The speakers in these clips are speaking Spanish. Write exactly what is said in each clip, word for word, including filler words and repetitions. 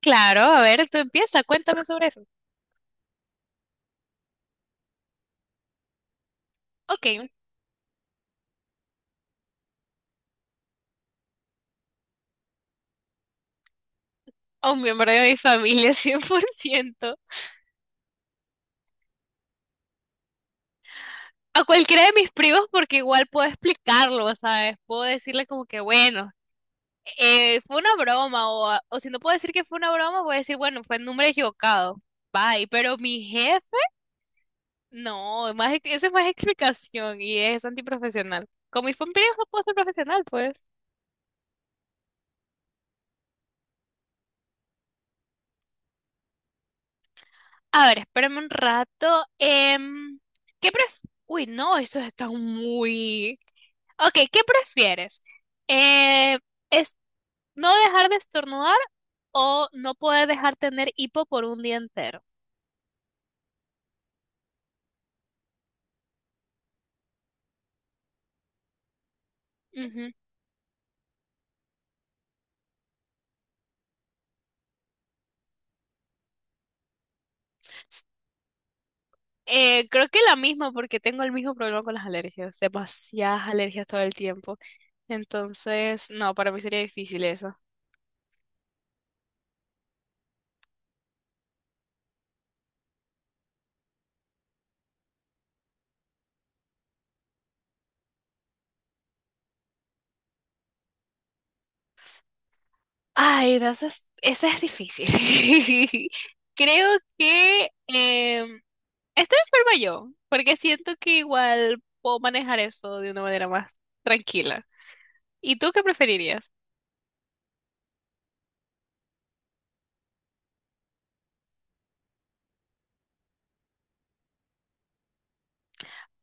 Claro, a ver, tú empieza, cuéntame sobre eso. Ok, a un miembro de mi familia, cien por ciento. A cualquiera de mis primos, porque igual puedo explicarlo, ¿sabes? Puedo decirle como que, bueno, eh, fue una broma, o, a- o si no puedo decir que fue una broma, voy a decir, bueno, fue el número equivocado. Bye, pero mi jefe, no, más, ex- eso es más explicación y es antiprofesional. Con mis primos no puedo ser profesional, pues. A ver, espérame un rato. Em, ¿qué pref... Uy, no, eso está muy. Ok, ¿qué prefieres? Eh, ¿es no dejar de estornudar o no poder dejar tener hipo por un día entero? Ujú. S- eh, creo que la misma porque tengo el mismo problema con las alergias, demasiadas alergias todo el tiempo. Entonces, no, para mí sería difícil eso. Ay, no, esa es, esa es difícil. Creo que em, estoy enferma yo, porque siento que igual puedo manejar eso de una manera más tranquila. ¿Y tú qué preferirías?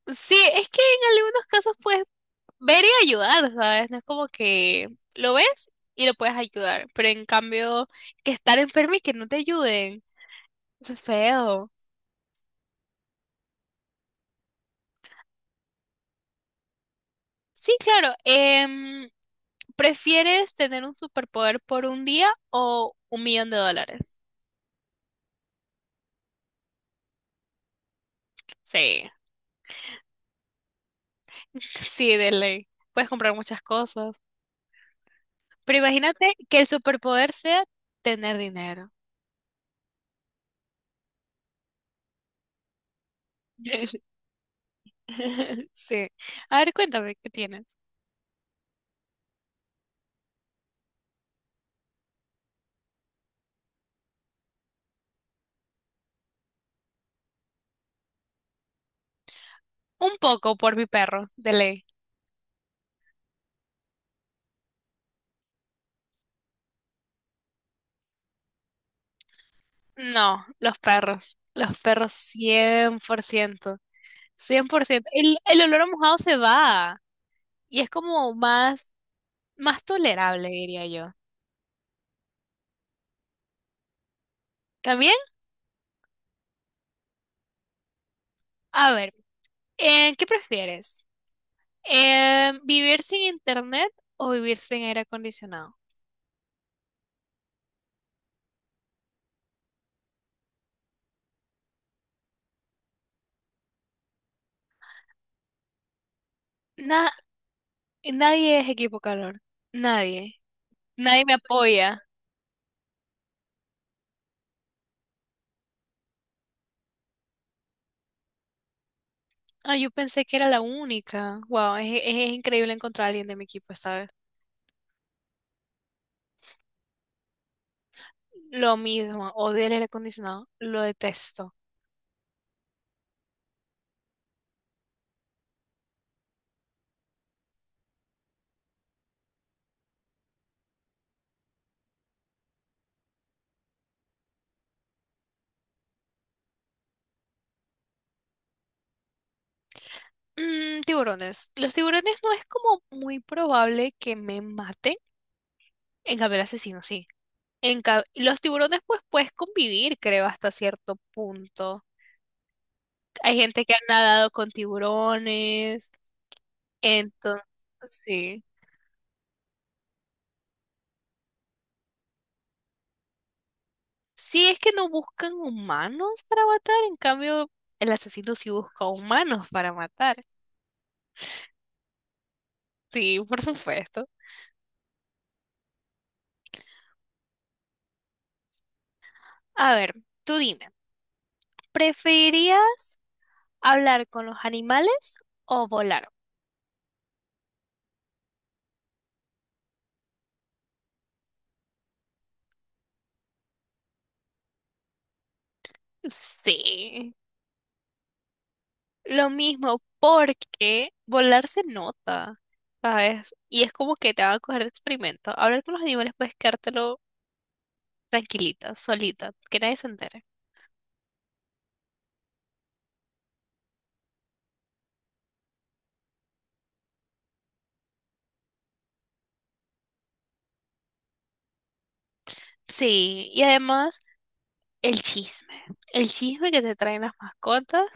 Sí, es que en algunos casos puedes ver y ayudar, ¿sabes? No es como que lo ves y lo puedes ayudar, pero en cambio que estar enfermo y que no te ayuden, eso es feo. Sí, claro. em, ¿Prefieres tener un superpoder por un día o un millón de dólares? Sí, sí, de ley. Puedes comprar muchas cosas. Pero imagínate que el superpoder sea tener dinero. Sí. A ver, cuéntame, ¿qué tienes? Un poco por mi perro, de ley. No, los perros. Los perros cien cien por ciento, cien por ciento. El, el olor a mojado se va y es como más, más tolerable, diría yo. También, a ver, eh, ¿qué prefieres? Em, ¿vivir sin internet o vivir sin aire acondicionado? Na- nadie es equipo calor. Nadie. Nadie me apoya. Ah, yo pensé que era la única. Wow, es, es- es increíble encontrar a alguien de mi equipo, ¿sabes? Lo mismo, odio el aire acondicionado, lo detesto. Mm, tiburones. Los tiburones no es como muy probable que me maten. En cambio, el asesino sí. En ca- los tiburones, pues puedes convivir, creo, hasta cierto punto. Hay gente que ha nadado con tiburones. Entonces, sí. Sí, es que no buscan humanos para matar. En cambio, el asesino sí busca humanos para matar. Sí, por supuesto. A ver, tú dime, ¿preferirías hablar con los animales o volar? Sí, lo mismo, porque volar se nota, ¿sabes? Y es como que te van a coger de experimento. Hablar con los animales puedes quedártelo tranquilita, solita, que nadie se entere. Sí, y además el chisme, el chisme que te traen las mascotas,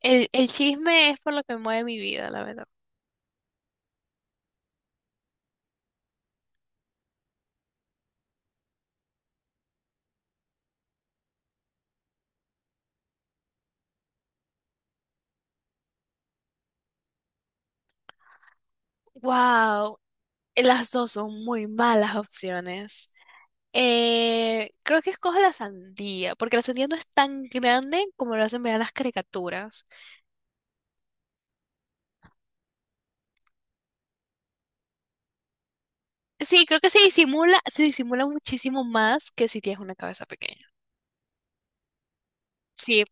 el, el chisme es por lo que mueve mi vida, la verdad. Wow, las dos son muy malas opciones. Eh, creo que escojo la sandía, porque la sandía no es tan grande como lo hacen ver en las caricaturas. Sí, creo que se disimula, se disimula muchísimo más que si tienes una cabeza pequeña. Sí,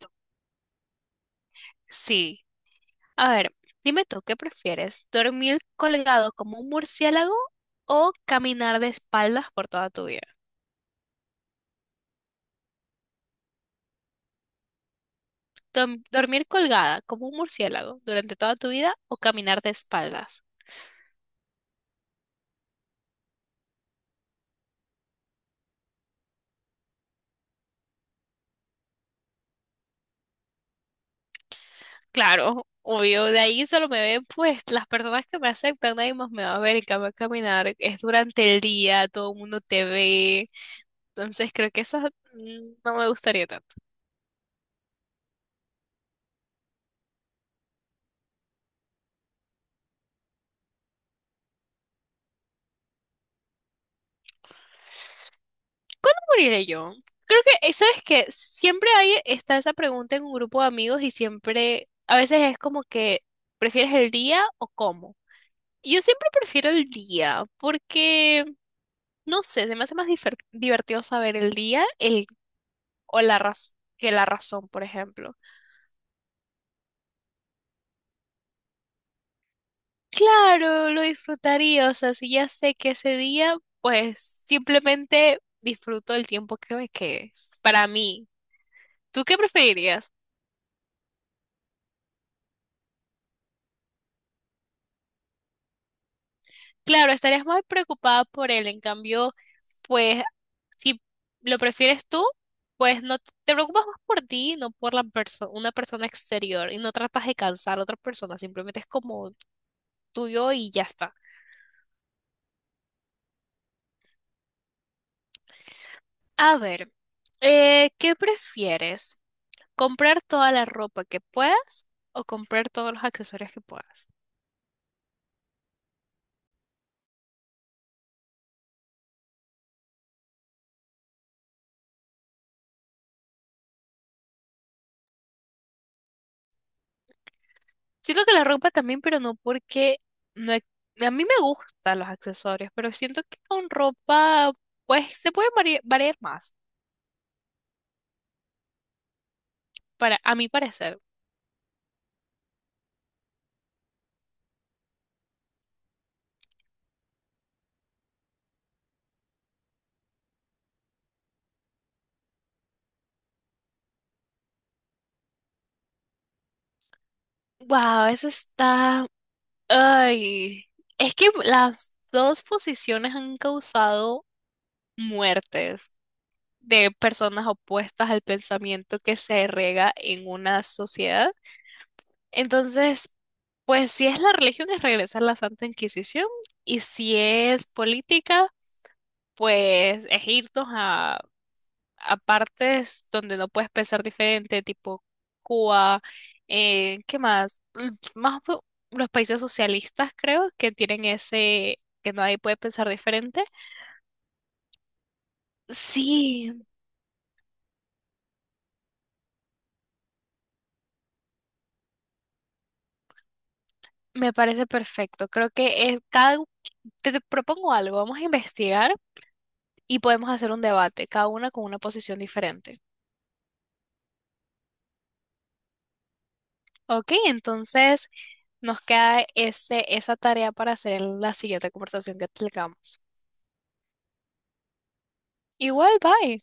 sí. A ver, dime tú, ¿qué prefieres? ¿Dormir colgado como un murciélago o caminar de espaldas por toda tu vida? Dom- ¿Dormir colgada como un murciélago durante toda tu vida o caminar de espaldas? Claro, obvio, de ahí solo me ven pues las personas que me aceptan, nadie más me va a ver, en cambio caminar es durante el día, todo el mundo te ve, entonces creo que eso mm, no me gustaría tanto. ¿Moriré yo? Creo que, eh, ¿sabes qué? Siempre hay, está esa pregunta en un grupo de amigos y siempre, a veces es como que, ¿prefieres el día o cómo? Y Yo siempre prefiero el día porque, no sé, se me hace más difer- divertido saber el día el, o la razón. que la razón, por ejemplo. Claro, lo disfrutaría, o sea, si ya sé que ese día, pues simplemente disfruto el tiempo que me quede. Para mí, ¿tú qué preferirías? Claro, estarías más preocupada por él, en cambio, pues si lo prefieres tú, pues no t- te preocupas más por ti, no por la perso- una persona exterior y no tratas de cansar a otra persona, simplemente es como tuyo y ya está. A ver, eh, ¿qué prefieres? ¿Comprar toda la ropa que puedas o comprar todos los accesorios que puedas? Siento que la ropa también, pero no porque no he- a mí me gustan los accesorios, pero siento que con ropa pues se puede vari- variar más, para a mi parecer. Wow, eso está. Ay, es que las dos posiciones han causado muertes de personas opuestas al pensamiento que se rega en una sociedad. Entonces, pues si es la religión es regresar a la Santa Inquisición y si es política, pues es irnos a a partes donde no puedes pensar diferente, tipo Cuba, eh, ¿qué más? Mm, Más bu- los países socialistas creo que tienen ese, que nadie puede pensar diferente. Sí, me parece perfecto. Creo que es cada, te, te propongo algo, vamos a investigar y podemos hacer un debate, cada una con una posición diferente. Ok, entonces nos queda ese, esa tarea para hacer en la siguiente conversación que tengamos. Igual, bye.